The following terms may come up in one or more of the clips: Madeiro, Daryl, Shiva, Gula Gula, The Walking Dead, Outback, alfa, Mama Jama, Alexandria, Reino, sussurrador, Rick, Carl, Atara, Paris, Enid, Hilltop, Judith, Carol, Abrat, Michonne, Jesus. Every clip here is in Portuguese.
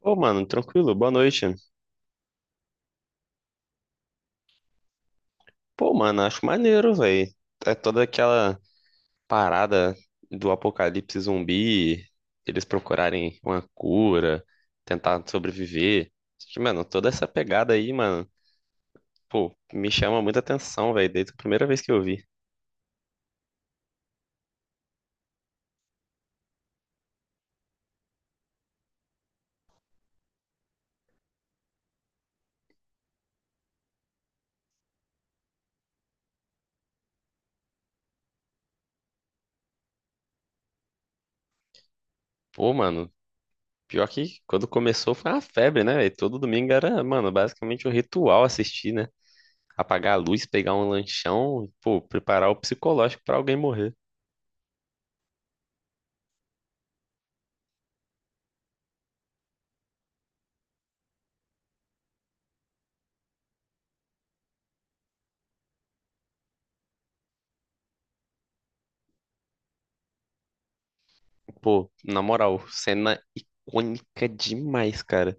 Pô, mano, tranquilo, boa noite. Pô, mano, acho maneiro, velho. É toda aquela parada do apocalipse zumbi, eles procurarem uma cura, tentar sobreviver. Acho que, mano, toda essa pegada aí, mano, pô, me chama muita atenção, velho, desde a primeira vez que eu vi. Pô, mano, pior que quando começou foi uma febre, né, velho? Todo domingo era, mano, basicamente um ritual assistir, né? Apagar a luz, pegar um lanchão, pô, preparar o psicológico pra alguém morrer. Pô, na moral, cena icônica demais, cara.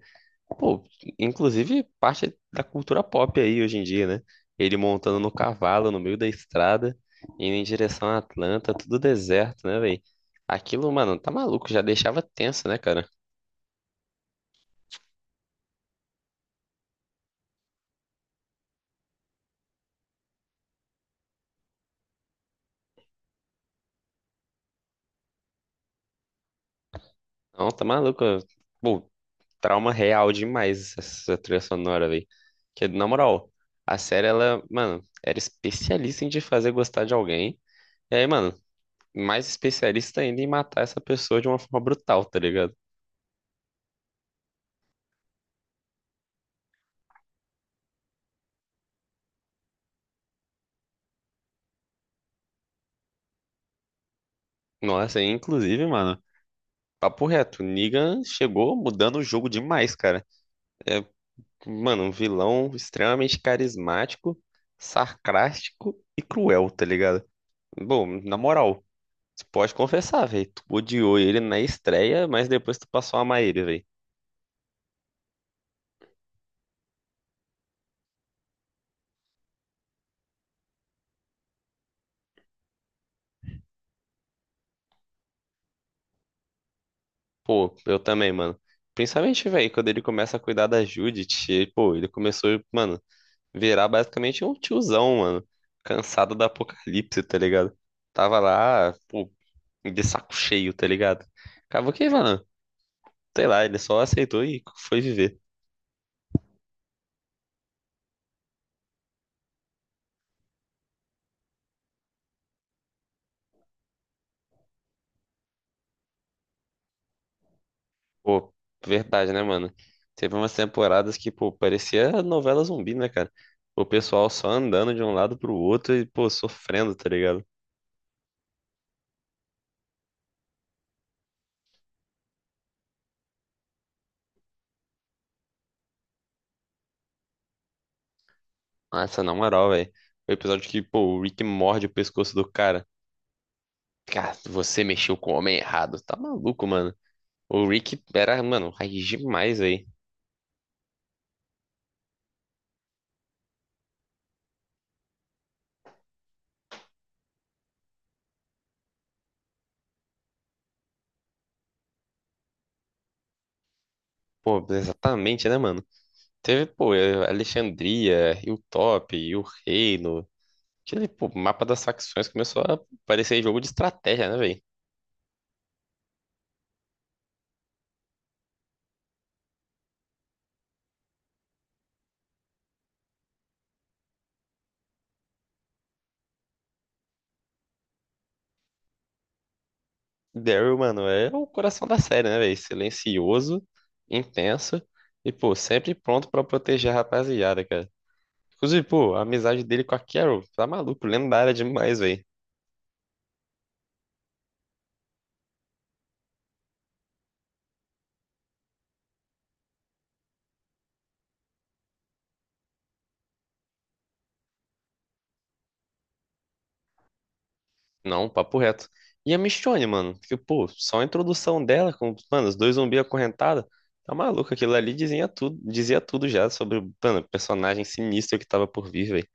Pô, inclusive parte da cultura pop aí hoje em dia, né? Ele montando no cavalo, no meio da estrada, indo em direção a Atlanta, tudo deserto, né, velho? Aquilo, mano, tá maluco, já deixava tenso, né, cara? Não, tá maluco. Pô, trauma real demais essa trilha sonora, velho. Que, na moral, a série, ela, mano, era especialista em te fazer gostar de alguém. E aí, mano, mais especialista ainda em matar essa pessoa de uma forma brutal, tá ligado? Nossa, e inclusive, mano, papo reto, Negan chegou mudando o jogo demais, cara. É, mano, um vilão extremamente carismático, sarcástico e cruel, tá ligado? Bom, na moral, tu pode confessar, velho, tu odiou ele na estreia, mas depois tu passou a amar ele, velho. Pô, eu também, mano. Principalmente, velho, quando ele começa a cuidar da Judith, e, pô, ele começou, mano, virar basicamente um tiozão, mano. Cansado da apocalipse, tá ligado? Tava lá, pô, de saco cheio, tá ligado? Acabou que, mano, sei lá, ele só aceitou e foi viver. Pô, verdade, né, mano? Teve umas temporadas que, pô, parecia novela zumbi, né, cara? O pessoal só andando de um lado pro outro e, pô, sofrendo, tá ligado? Nossa, na moral, velho. O episódio que, pô, o Rick morde o pescoço do cara. Cara, você mexeu com o homem errado. Tá maluco, mano. O Rick era, mano, raiz demais aí. Pô, exatamente, né, mano? Teve, pô, Alexandria, Hilltop, e o Reino. Aquele, pô, mapa das facções começou a parecer jogo de estratégia, né, velho? Daryl, mano, é o coração da série, né, velho? Silencioso, intenso e, pô, sempre pronto pra proteger a rapaziada, cara. Inclusive, pô, a amizade dele com a Carol, tá maluco, lendária demais, velho. Não, papo reto. E a Michonne, mano, que, pô, só a introdução dela com, mano, os dois zumbis acorrentados, tá maluco, aquilo ali dizia tudo já sobre, o, mano, o personagem sinistro que tava por vir, velho.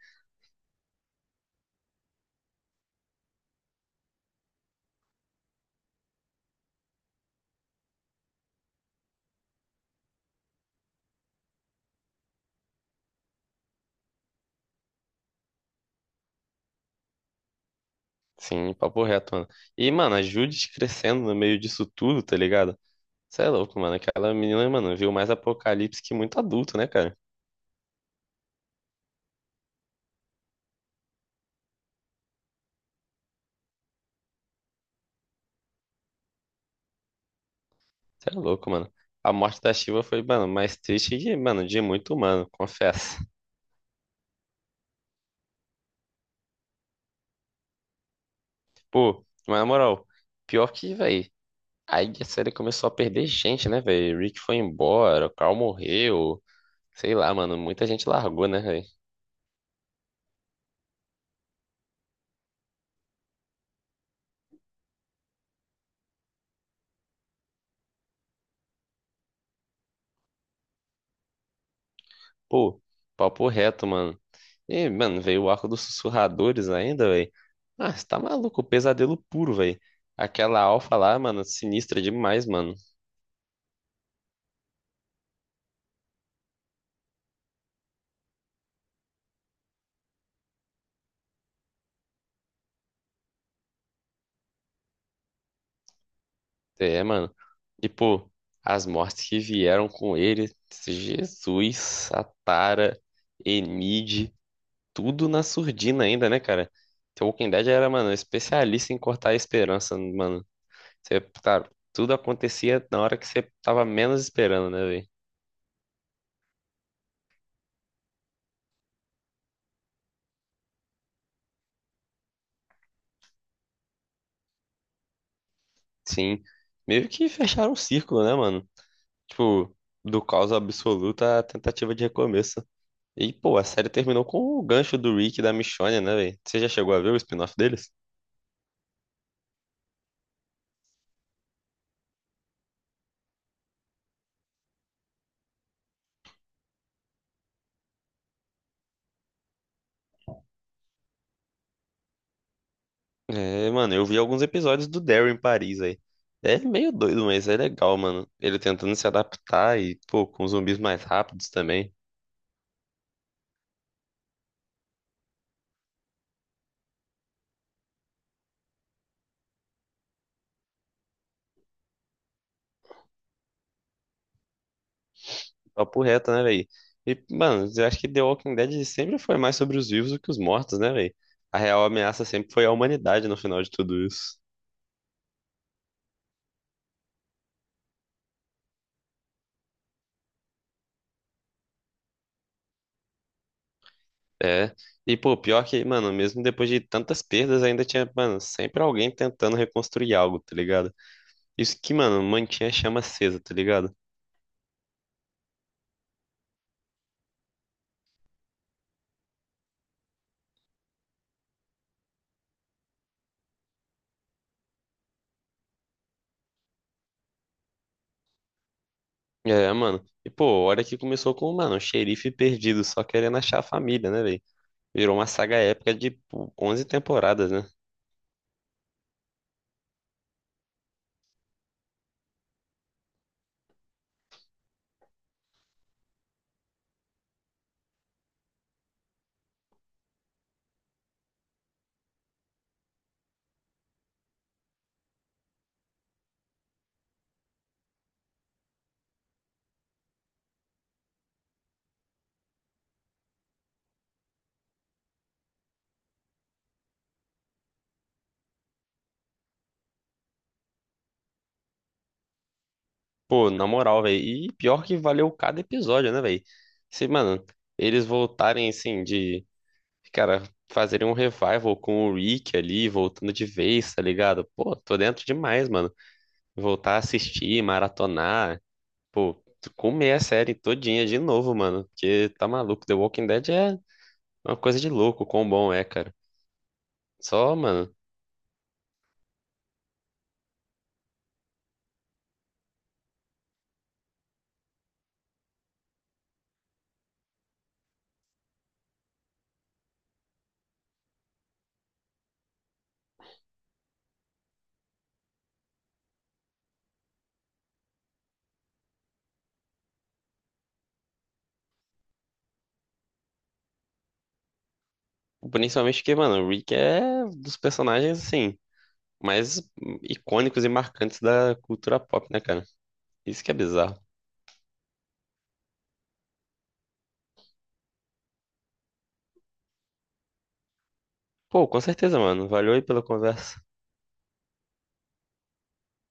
Sim, papo reto, mano. E, mano, a Judith crescendo no meio disso tudo, tá ligado? Cê é louco, mano, aquela menina, mano, viu mais apocalipse que muito adulto, né, cara? Cê é louco, mano. A morte da Shiva foi, mano, mais triste que, mano, de muito humano, confesso. Pô, mas na moral, pior que, velho. Aí a série começou a perder gente, né, velho? Rick foi embora, o Carl morreu. Sei lá, mano, muita gente largou, né, velho? Pô, papo reto, mano. E, mano, veio o arco dos sussurradores ainda, velho. Ah, você tá maluco, pesadelo puro, velho. Aquela alfa lá, mano, sinistra demais, mano. É, mano. E, pô, as mortes que vieram com ele, Jesus, Atara, Enid, tudo na surdina ainda, né, cara? The Walking Dead era, mano, especialista em cortar a esperança, mano. Você, cara, tudo acontecia na hora que você tava menos esperando, né, velho? Sim. Meio que fecharam um círculo, né, mano? Tipo, do caos absoluto à tentativa de recomeço. E, pô, a série terminou com o gancho do Rick e da Michonne, né, velho? Você já chegou a ver o spin-off deles? É, mano, eu vi alguns episódios do Daryl em Paris aí. É meio doido, mas é legal, mano. Ele tentando se adaptar e, pô, com zumbis mais rápidos também. Papo reto, né, velho? E, mano, eu acho que The Walking Dead sempre foi mais sobre os vivos do que os mortos, né, velho? A real ameaça sempre foi a humanidade no final de tudo isso. É. E, pô, pior que, mano, mesmo depois de tantas perdas, ainda tinha, mano, sempre alguém tentando reconstruir algo, tá ligado? Isso que, mano, mantinha a chama acesa, tá ligado? É, mano. E, pô, olha que começou com, mano, um xerife perdido, só querendo achar a família, né, velho? Virou uma saga épica de, pô, 11 temporadas, né? Pô, na moral, velho. E pior que valeu cada episódio, né, velho? Se, mano, eles voltarem, assim, de, cara, fazerem um revival com o Rick ali, voltando de vez, tá ligado? Pô, tô dentro demais, mano. Voltar a assistir, maratonar, pô, comer a série todinha de novo, mano. Porque tá maluco. The Walking Dead é uma coisa de louco, quão bom é, cara. Só, mano. Principalmente porque, mano, o Rick é dos personagens, assim, mais icônicos e marcantes da cultura pop, né, cara? Isso que é bizarro. Pô, com certeza, mano. Valeu aí pela conversa.